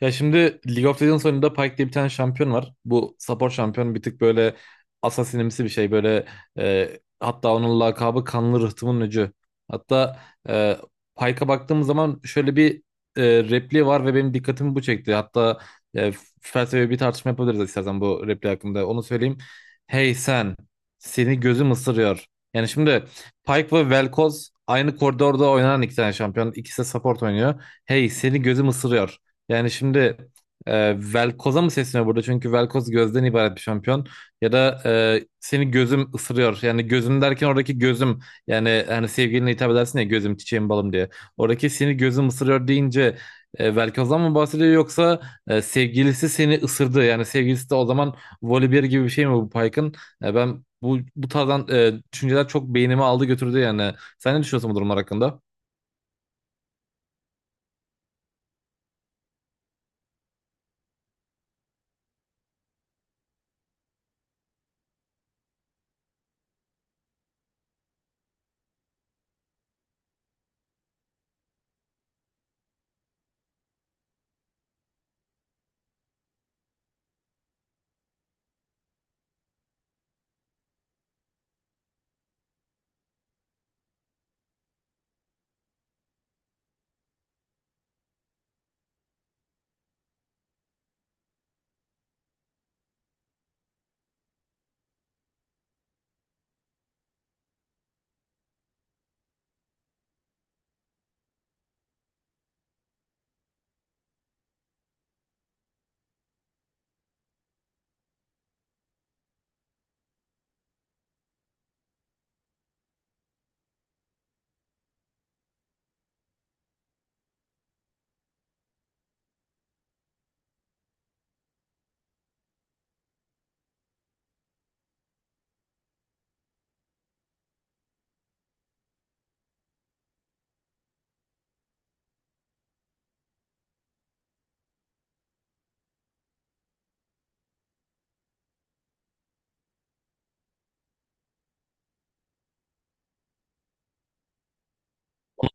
Ya şimdi League of Legends oyununda Pyke diye bir tane şampiyon var. Bu support şampiyon bir tık böyle asasinimsi bir şey. Böyle hatta onun lakabı Kanlı Rıhtımın Öcü. Hatta e, Pyke'a baktığımız zaman şöyle bir repliği var ve benim dikkatimi bu çekti. Hatta e, felsefi bir tartışma yapabiliriz istersen bu repliği hakkında. Onu söyleyeyim. Hey sen, seni gözüm ısırıyor. Yani şimdi Pyke ve Vel'Koz aynı koridorda oynanan iki tane şampiyon. İkisi de support oynuyor. Hey seni gözüm ısırıyor. Yani şimdi Velkoz'a mı sesleniyor burada? Çünkü Velkoz gözden ibaret bir şampiyon. Ya da seni gözüm ısırıyor. Yani gözüm derken oradaki gözüm. Yani hani sevgiline hitap edersin ya gözüm çiçeğim balım diye. Oradaki seni gözüm ısırıyor deyince Velkoz'dan mı bahsediyor yoksa sevgilisi seni ısırdı. Yani sevgilisi de o zaman volibear gibi bir şey mi bu Pike'ın? Ben bu tarzdan düşünceler çok beynimi aldı götürdü yani. Sen ne düşünüyorsun bu durumlar hakkında?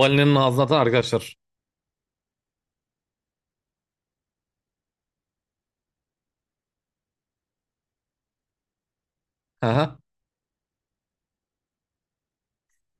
Valinin ağzına atan arkadaşlar. Aha.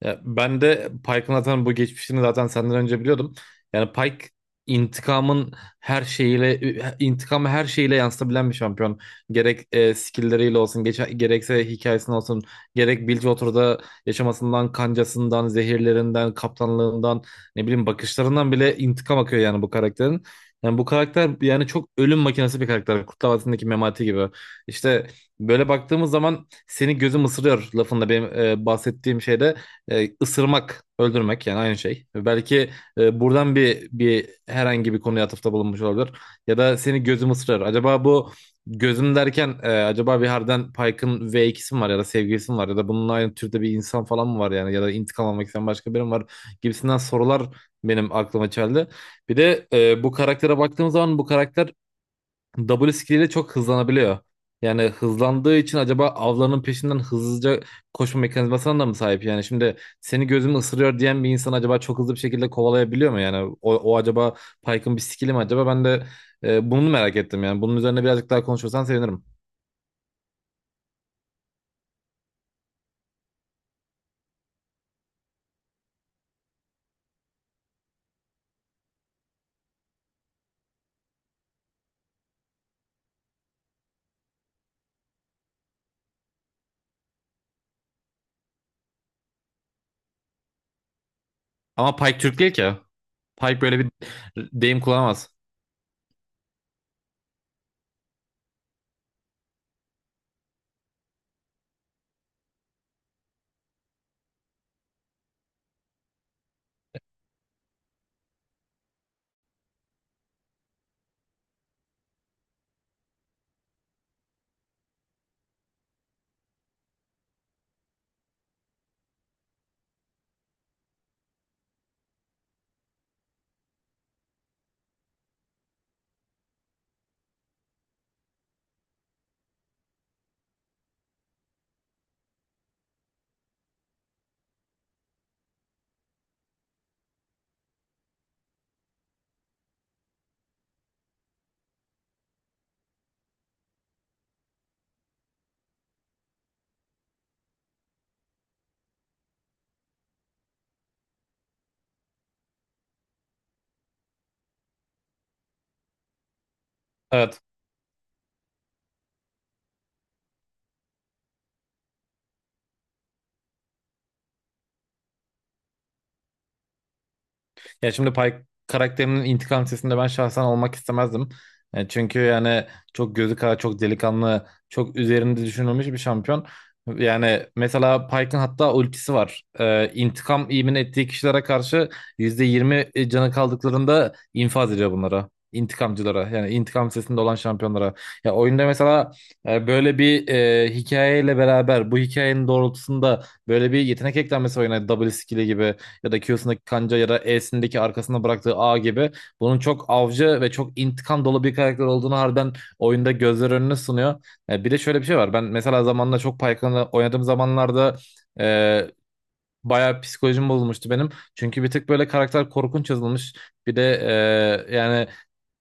Ya ben de Pike'ın zaten bu geçmişini zaten senden önce biliyordum. Yani Pike intikamın her şeyiyle intikamı her şeyiyle yansıtabilen bir şampiyon. Gerek skill'leriyle olsun, gerekse hikayesine olsun, gerek Bilgewater'da yaşamasından, kancasından, zehirlerinden, kaptanlığından, ne bileyim bakışlarından bile intikam akıyor yani bu karakterin. Yani bu karakter yani çok ölüm makinesi bir karakter. Kurtlar Vadisi'ndeki Memati gibi. İşte böyle baktığımız zaman seni gözüm ısırıyor lafında benim bahsettiğim şeyde ısırmak, öldürmek yani aynı şey. Belki buradan bir herhangi bir konuya atıfta bulunmuş olabilir. Ya da seni gözüm ısırır. Acaba bu gözüm derken acaba bir Harden Pike'ın V2'si mi var ya da sevgilisi mi var ya da bunun aynı türde bir insan falan mı var yani ya da intikam almak isteyen başka biri mi var gibisinden sorular benim aklıma geldi. Bir de bu karaktere baktığım zaman bu karakter W skilliyle çok hızlanabiliyor. Yani hızlandığı için acaba avlarının peşinden hızlıca koşma mekanizmasına da mı sahip? Yani şimdi seni gözüm ısırıyor diyen bir insan acaba çok hızlı bir şekilde kovalayabiliyor mu? Yani o acaba Pike'ın bir skill'i mi acaba? Ben de bunu merak ettim yani. Bunun üzerine birazcık daha konuşursan sevinirim. Ama Pike Türk değil ki. Pike böyle bir deyim kullanamaz. Evet. Ya şimdi Pike karakterinin intikam sesinde ben şahsen olmak istemezdim. Çünkü yani çok gözü kara, çok delikanlı, çok üzerinde düşünülmüş bir şampiyon. Yani mesela Pike'ın hatta ultisi var. İntikam imin ettiği kişilere karşı %20 canı kaldıklarında infaz ediyor bunlara. İntikamcılara yani intikam sesinde olan şampiyonlara. Ya oyunda mesela böyle bir hikayeyle beraber bu hikayenin doğrultusunda böyle bir yetenek eklenmesi oyuna double skill'i gibi ya da Q'sundaki kanca ya da E'sindeki arkasında bıraktığı A gibi bunun çok avcı ve çok intikam dolu bir karakter olduğunu harbiden oyunda gözler önüne sunuyor. Bir de şöyle bir şey var. Ben mesela zamanla çok Pyke'ını oynadığım zamanlarda e, Bayağı psikolojim bozulmuştu benim. Çünkü bir tık böyle karakter korkunç yazılmış. Bir de yani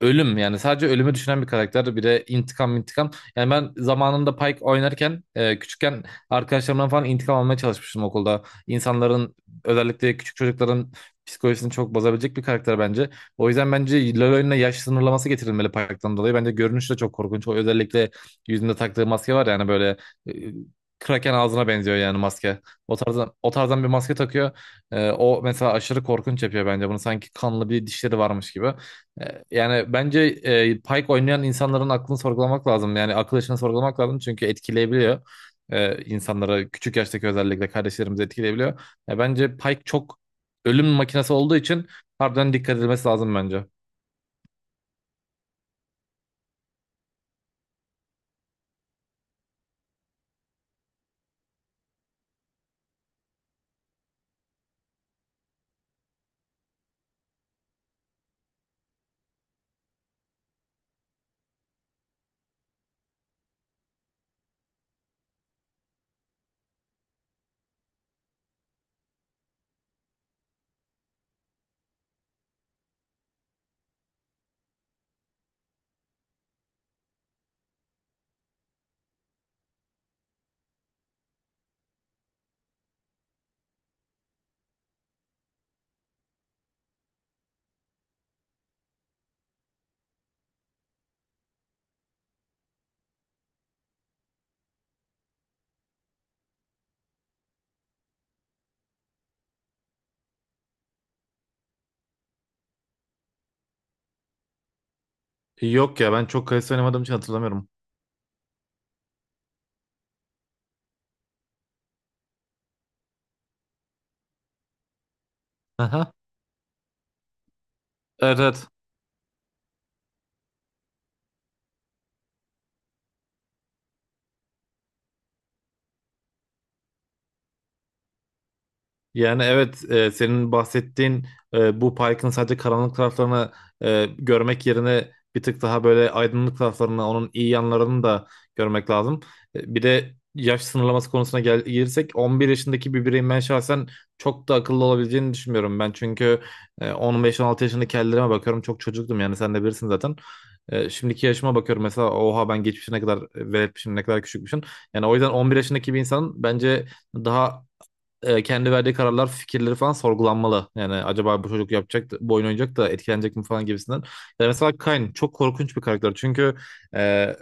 ölüm yani sadece ölümü düşünen bir karakter. Bir de intikam intikam. Yani ben zamanında Pike oynarken küçükken arkadaşlarımdan falan intikam almaya çalışmıştım okulda. İnsanların özellikle küçük çocukların psikolojisini çok bozabilecek bir karakter bence. O yüzden bence LoL oyununa yaş sınırlaması getirilmeli Pike'tan dolayı. Bence görünüş de çok korkunç. O özellikle yüzünde taktığı maske var yani böyle e, Kraken ağzına benziyor yani maske. O tarzdan bir maske takıyor. O mesela aşırı korkunç yapıyor bence bunu. Sanki kanlı bir dişleri varmış gibi. Yani bence Pike oynayan insanların aklını sorgulamak lazım. Yani akıl yaşını sorgulamak lazım. Çünkü etkileyebiliyor. İnsanları küçük yaştaki özellikle kardeşlerimizi etkileyebiliyor. Ya bence Pike çok ölüm makinesi olduğu için harbiden dikkat edilmesi lazım bence. Yok ya ben çok kayısı oynamadığım için hatırlamıyorum. Aha. Evet, evet. Yani evet senin bahsettiğin bu parkın sadece karanlık taraflarını görmek yerine bir tık daha böyle aydınlık taraflarını, onun iyi yanlarını da görmek lazım. Bir de yaş sınırlaması konusuna gelirsek 11 yaşındaki bir bireyin ben şahsen çok da akıllı olabileceğini düşünmüyorum ben. Çünkü 15-16 yaşındaki hallerime bakıyorum çok çocuktum yani sen de bilirsin zaten. Şimdiki yaşıma bakıyorum mesela oha ben geçmişe ne kadar veretmişim ne kadar küçükmüşüm. Yani o yüzden 11 yaşındaki bir insan bence daha kendi verdiği kararlar, fikirleri falan sorgulanmalı. Yani acaba bu çocuk bu oyun oynayacak da etkilenecek mi falan gibisinden. Yani mesela Kain çok korkunç bir karakter. Çünkü e,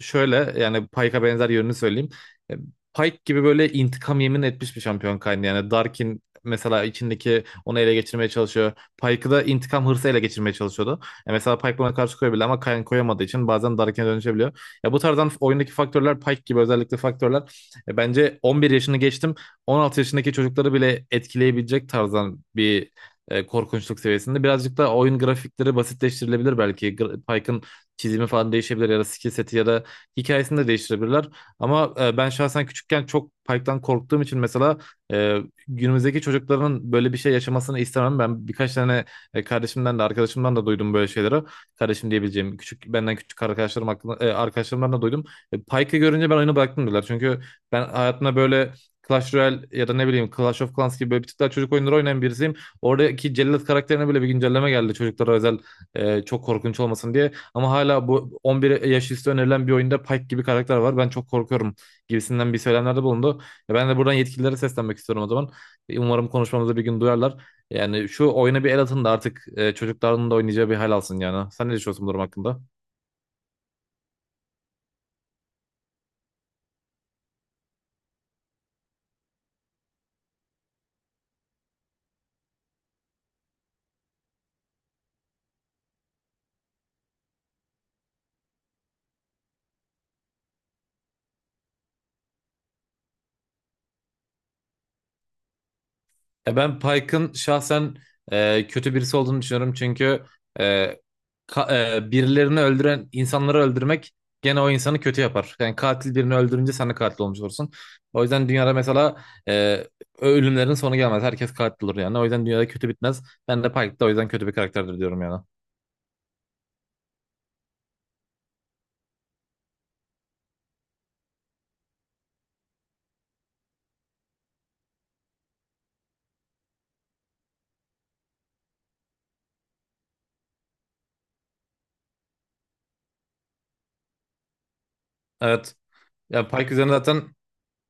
şöyle yani Pike'a benzer yönünü söyleyeyim. E, Pike gibi böyle intikam yemin etmiş bir şampiyon kaynağı. Yani Darkin mesela içindeki onu ele geçirmeye çalışıyor. Pike'ı da intikam hırsı ele geçirmeye çalışıyordu. Mesela Pike buna karşı koyabilir ama Kayn koyamadığı için bazen Darkin'e dönüşebiliyor. Ya bu tarzdan oyundaki faktörler Pike gibi özellikle faktörler bence 11 yaşını geçtim 16 yaşındaki çocukları bile etkileyebilecek tarzdan bir korkunçluk seviyesinde. Birazcık da oyun grafikleri basitleştirilebilir belki. Pike'ın çizimi falan değişebilir ya da skill seti ya da hikayesini de değiştirebilirler. Ama ben şahsen küçükken çok Pike'dan korktuğum için mesela e, günümüzdeki çocukların böyle bir şey yaşamasını istemem. Ben birkaç tane kardeşimden de arkadaşımdan da duydum böyle şeyleri. Kardeşim diyebileceğim küçük benden küçük arkadaşlarım hakkında, arkadaşlarımdan da duydum. Pike'ı görünce ben oyunu bıraktım diyorlar. Çünkü ben hayatımda böyle Clash Royale ya da ne bileyim Clash of Clans gibi böyle bir tık daha çocuk oyunları oynayan birisiyim. Oradaki Cellat karakterine bile bir güncelleme geldi çocuklara özel çok korkunç olmasın diye. Ama hala bu 11 yaş üstü önerilen bir oyunda Pike gibi karakter var. Ben çok korkuyorum gibisinden bir söylemlerde bulundu. Ya ben de buradan yetkililere seslenmek istiyorum o zaman. Umarım konuşmamızı bir gün duyarlar. Yani şu oyuna bir el atın da artık çocukların da oynayacağı bir hal alsın yani. Sen ne düşünüyorsun bu durum hakkında? Ben Pike'ın şahsen kötü birisi olduğunu düşünüyorum. Çünkü e, birilerini öldüren insanları öldürmek gene o insanı kötü yapar. Yani katil birini öldürünce sen de katil olmuş olursun. O yüzden dünyada mesela ölümlerin sonu gelmez. Herkes katil olur yani. O yüzden dünyada kötü bitmez. Ben de Pike de o yüzden kötü bir karakterdir diyorum yani. Evet. Ya Pike üzerine zaten.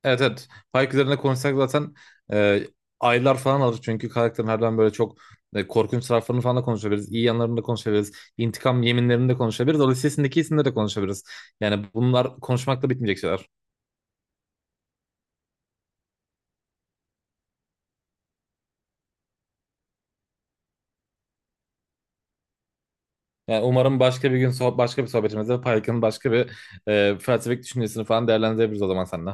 Evet, evet. Pike üzerine konuşsak zaten e, aylar falan alır. Çünkü karakterin harbiden böyle çok korkunç taraflarını falan da konuşabiliriz. İyi yanlarını da konuşabiliriz. İntikam yeminlerini de konuşabiliriz. O listesindeki isimleri de konuşabiliriz. Yani bunlar konuşmakla bitmeyecek şeyler. Yani umarım başka bir gün başka bir sohbetimizde Pike'ın başka bir felsefik düşüncesini falan değerlendirebiliriz o zaman seninle.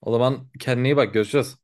O zaman kendine iyi bak. Görüşürüz.